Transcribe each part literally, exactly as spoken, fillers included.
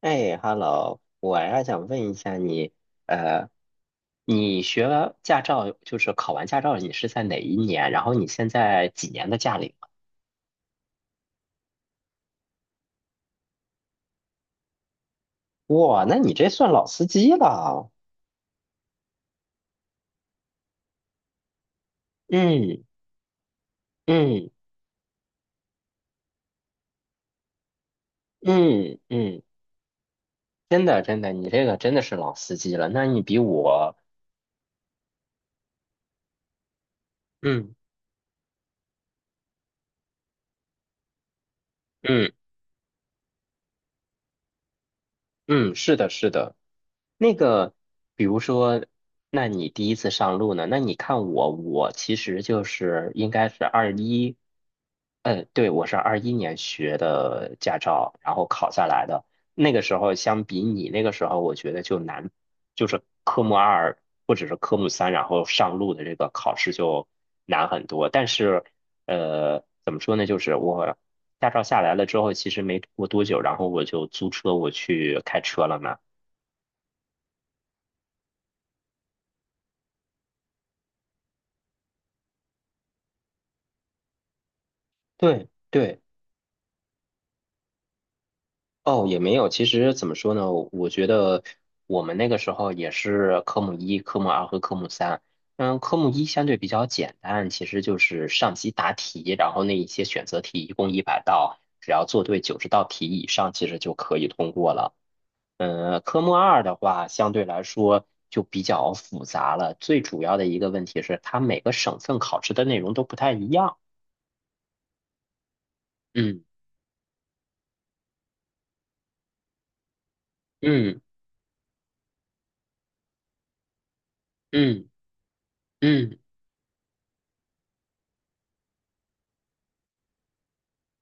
哎，Hello，我还想问一下你，呃，你学完驾照，就是考完驾照，你是在哪一年？然后你现在几年的驾龄了？哇，那你这算老司机了。嗯嗯嗯嗯，真的真的，你这个真的是老司机了。那你比我，嗯嗯。嗯，是的，是的。那个，比如说，那你第一次上路呢？那你看我，我其实就是应该是二一，呃，对，我是二一年学的驾照，然后考下来的。那个时候相比你那个时候，我觉得就难，就是科目二或者是科目三，然后上路的这个考试就难很多。但是，呃，怎么说呢？就是我。驾照下来了之后，其实没过多久，然后我就租车我去开车了嘛。对对，哦，也没有。其实怎么说呢？我觉得我们那个时候也是科目一、科目二和科目三。嗯，科目一相对比较简单，其实就是上机答题，然后那一些选择题一共一百道，只要做对九十道题以上，其实就可以通过了。呃，科目二的话，相对来说就比较复杂了。最主要的一个问题是，它每个省份考试的内容都不太一样。嗯嗯嗯嗯，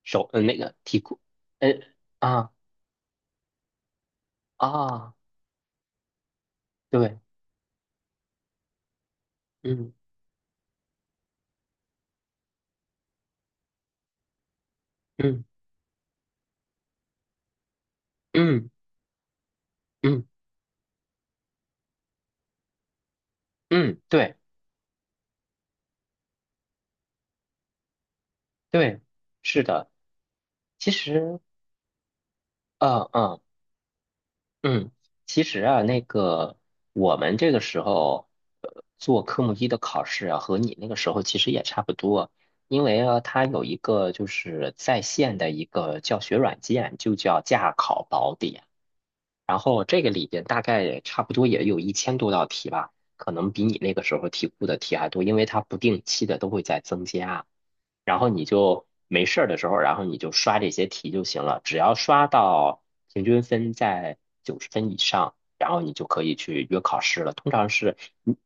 手呃那个题库。呃啊啊，对。嗯嗯嗯嗯嗯，对对，是的。其实，呃嗯。嗯，其实啊，那个我们这个时候，呃，做科目一的考试啊，和你那个时候其实也差不多，因为啊，它有一个就是在线的一个教学软件，就叫驾考宝典。然后这个里边大概也差不多也有一千多道题吧，可能比你那个时候题库的题还多，因为它不定期的都会在增加。然后你就没事儿的时候，然后你就刷这些题就行了。只要刷到平均分在九十分以上，然后你就可以去约考试了。通常是，嗯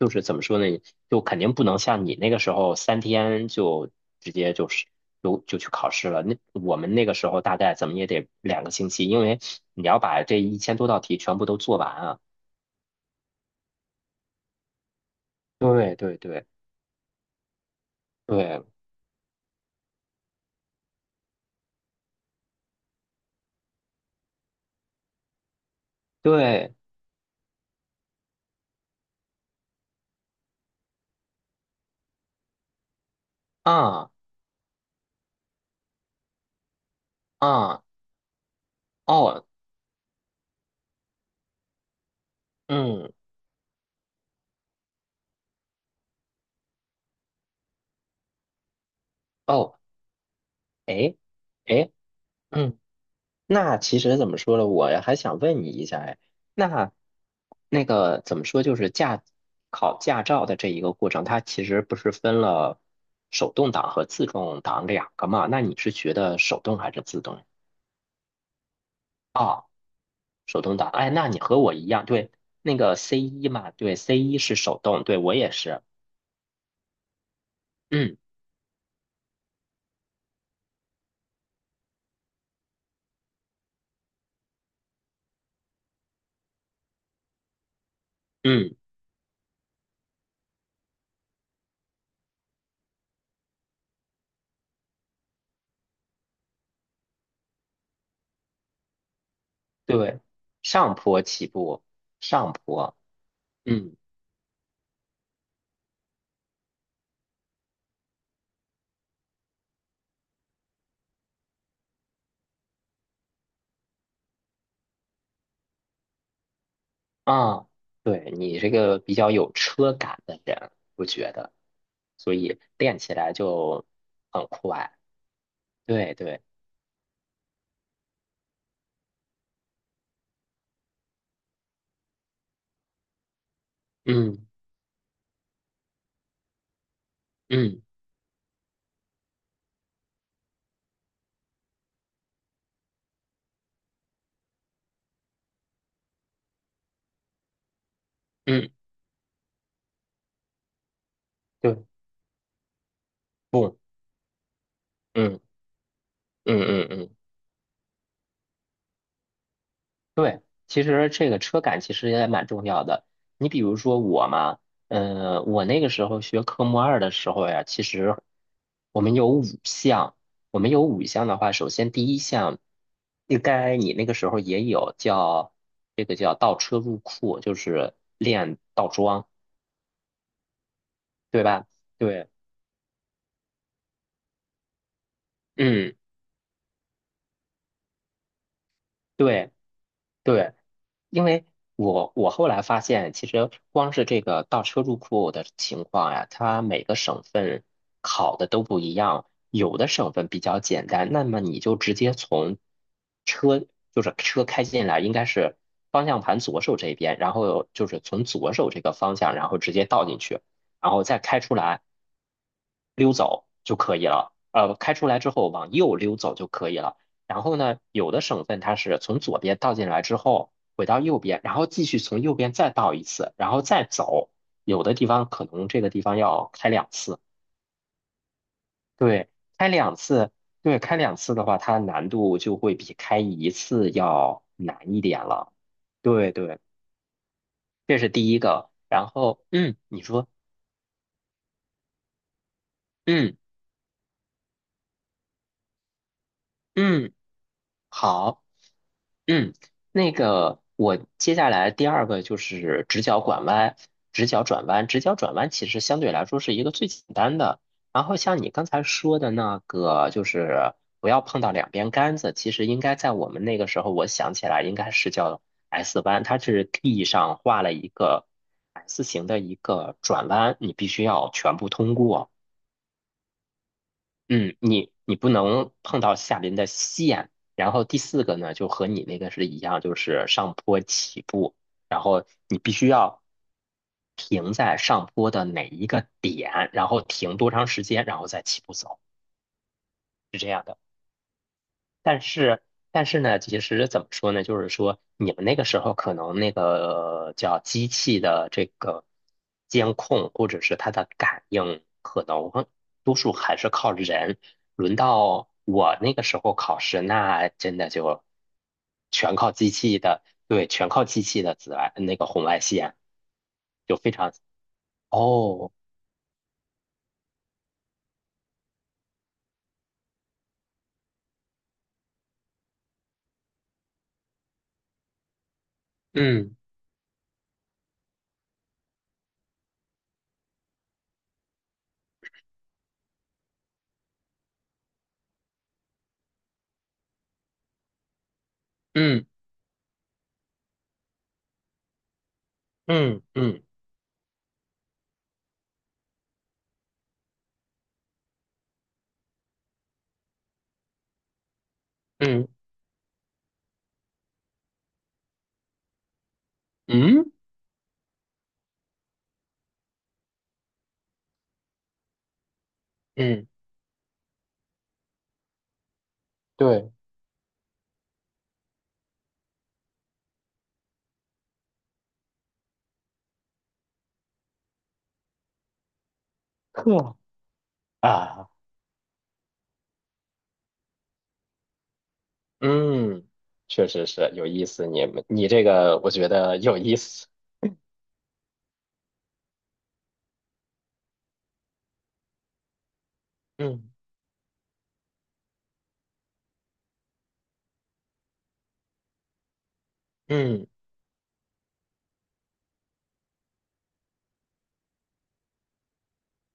就是怎么说呢？就肯定不能像你那个时候三天就直接就是就就去考试了。那我们那个时候大概怎么也得两个星期，因为你要把这一千多道题全部都做完啊。对对对对对啊啊哦嗯哦。哎，哎，嗯，那其实怎么说呢？我还想问你一下，哎，那那个怎么说？就是驾考驾照的这一个过程，它其实不是分了手动挡和自动挡两个嘛？那你是学的手动还是自动？啊？手动挡。哎，那你和我一样，对，那个 C 一嘛，对，C 一是手动，对我也是。嗯嗯，对，上坡起步，上坡。嗯。啊，对，你这个比较有车感的人，我觉得，所以练起来就很快。对对，嗯嗯嗯，对，不，嗯嗯嗯嗯。对，其实这个车感其实也蛮重要的。你比如说我嘛，呃，我那个时候学科目二的时候呀，其实我们有五项，我们有五项的话，首先第一项，应该你那个时候也有叫这个叫倒车入库，就是练倒桩，对吧？对，嗯，对对。因为我我后来发现，其实光是这个倒车入库的情况呀，它每个省份考的都不一样。有的省份比较简单，那么你就直接从车，就是车开进来，应该是方向盘左手这边，然后就是从左手这个方向，然后直接倒进去，然后再开出来。溜走就可以了。呃，开出来之后往右溜走就可以了。然后呢，有的省份它是从左边倒进来之后回到右边，然后继续从右边再倒一次，然后再走。有的地方可能这个地方要开两次，对，开两次，对，开两次的话，它难度就会比开一次要难一点了。对对，这是第一个。然后，嗯，你说，嗯嗯，好。嗯，那个我接下来第二个就是直角拐弯，直角转弯，直角转弯其实相对来说是一个最简单的。然后像你刚才说的那个，就是不要碰到两边杆子，其实应该在我们那个时候，我想起来应该是叫 S 弯，它是地上画了一个 S 型的一个转弯，你必须要全部通过。嗯，你你不能碰到下边的线，然后第四个呢，就和你那个是一样，就是上坡起步，然后你必须要停在上坡的哪一个点，然后停多长时间，然后再起步走，是这样的。但是，但是呢，其实怎么说呢？就是说，你们那个时候可能那个叫机器的这个监控，或者是它的感应，可能多数还是靠人。轮到我那个时候考试，那真的就全靠机器的，对，全靠机器的紫外那个红外线，就非常哦。嗯嗯嗯嗯嗯嗯嗯，对，呵啊。嗯，确实是有意思。你们，你这个我觉得有意思。嗯嗯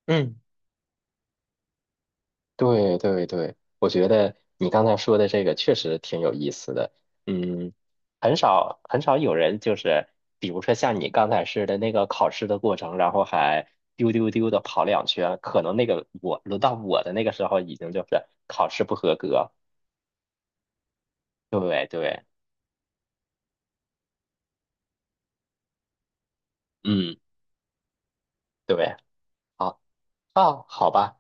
嗯，对对对，我觉得你刚才说的这个确实挺有意思的。嗯，很少很少有人就是，比如说像你刚才似的那个考试的过程，然后还丢丢丢的跑两圈，可能那个我轮到我的那个时候已经就是考试不合格。对对，嗯对，好啊，好吧。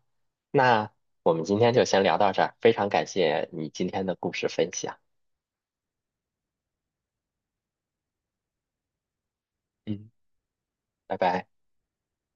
那我们今天就先聊到这儿，非常感谢你今天的故事分享。嗯，拜拜。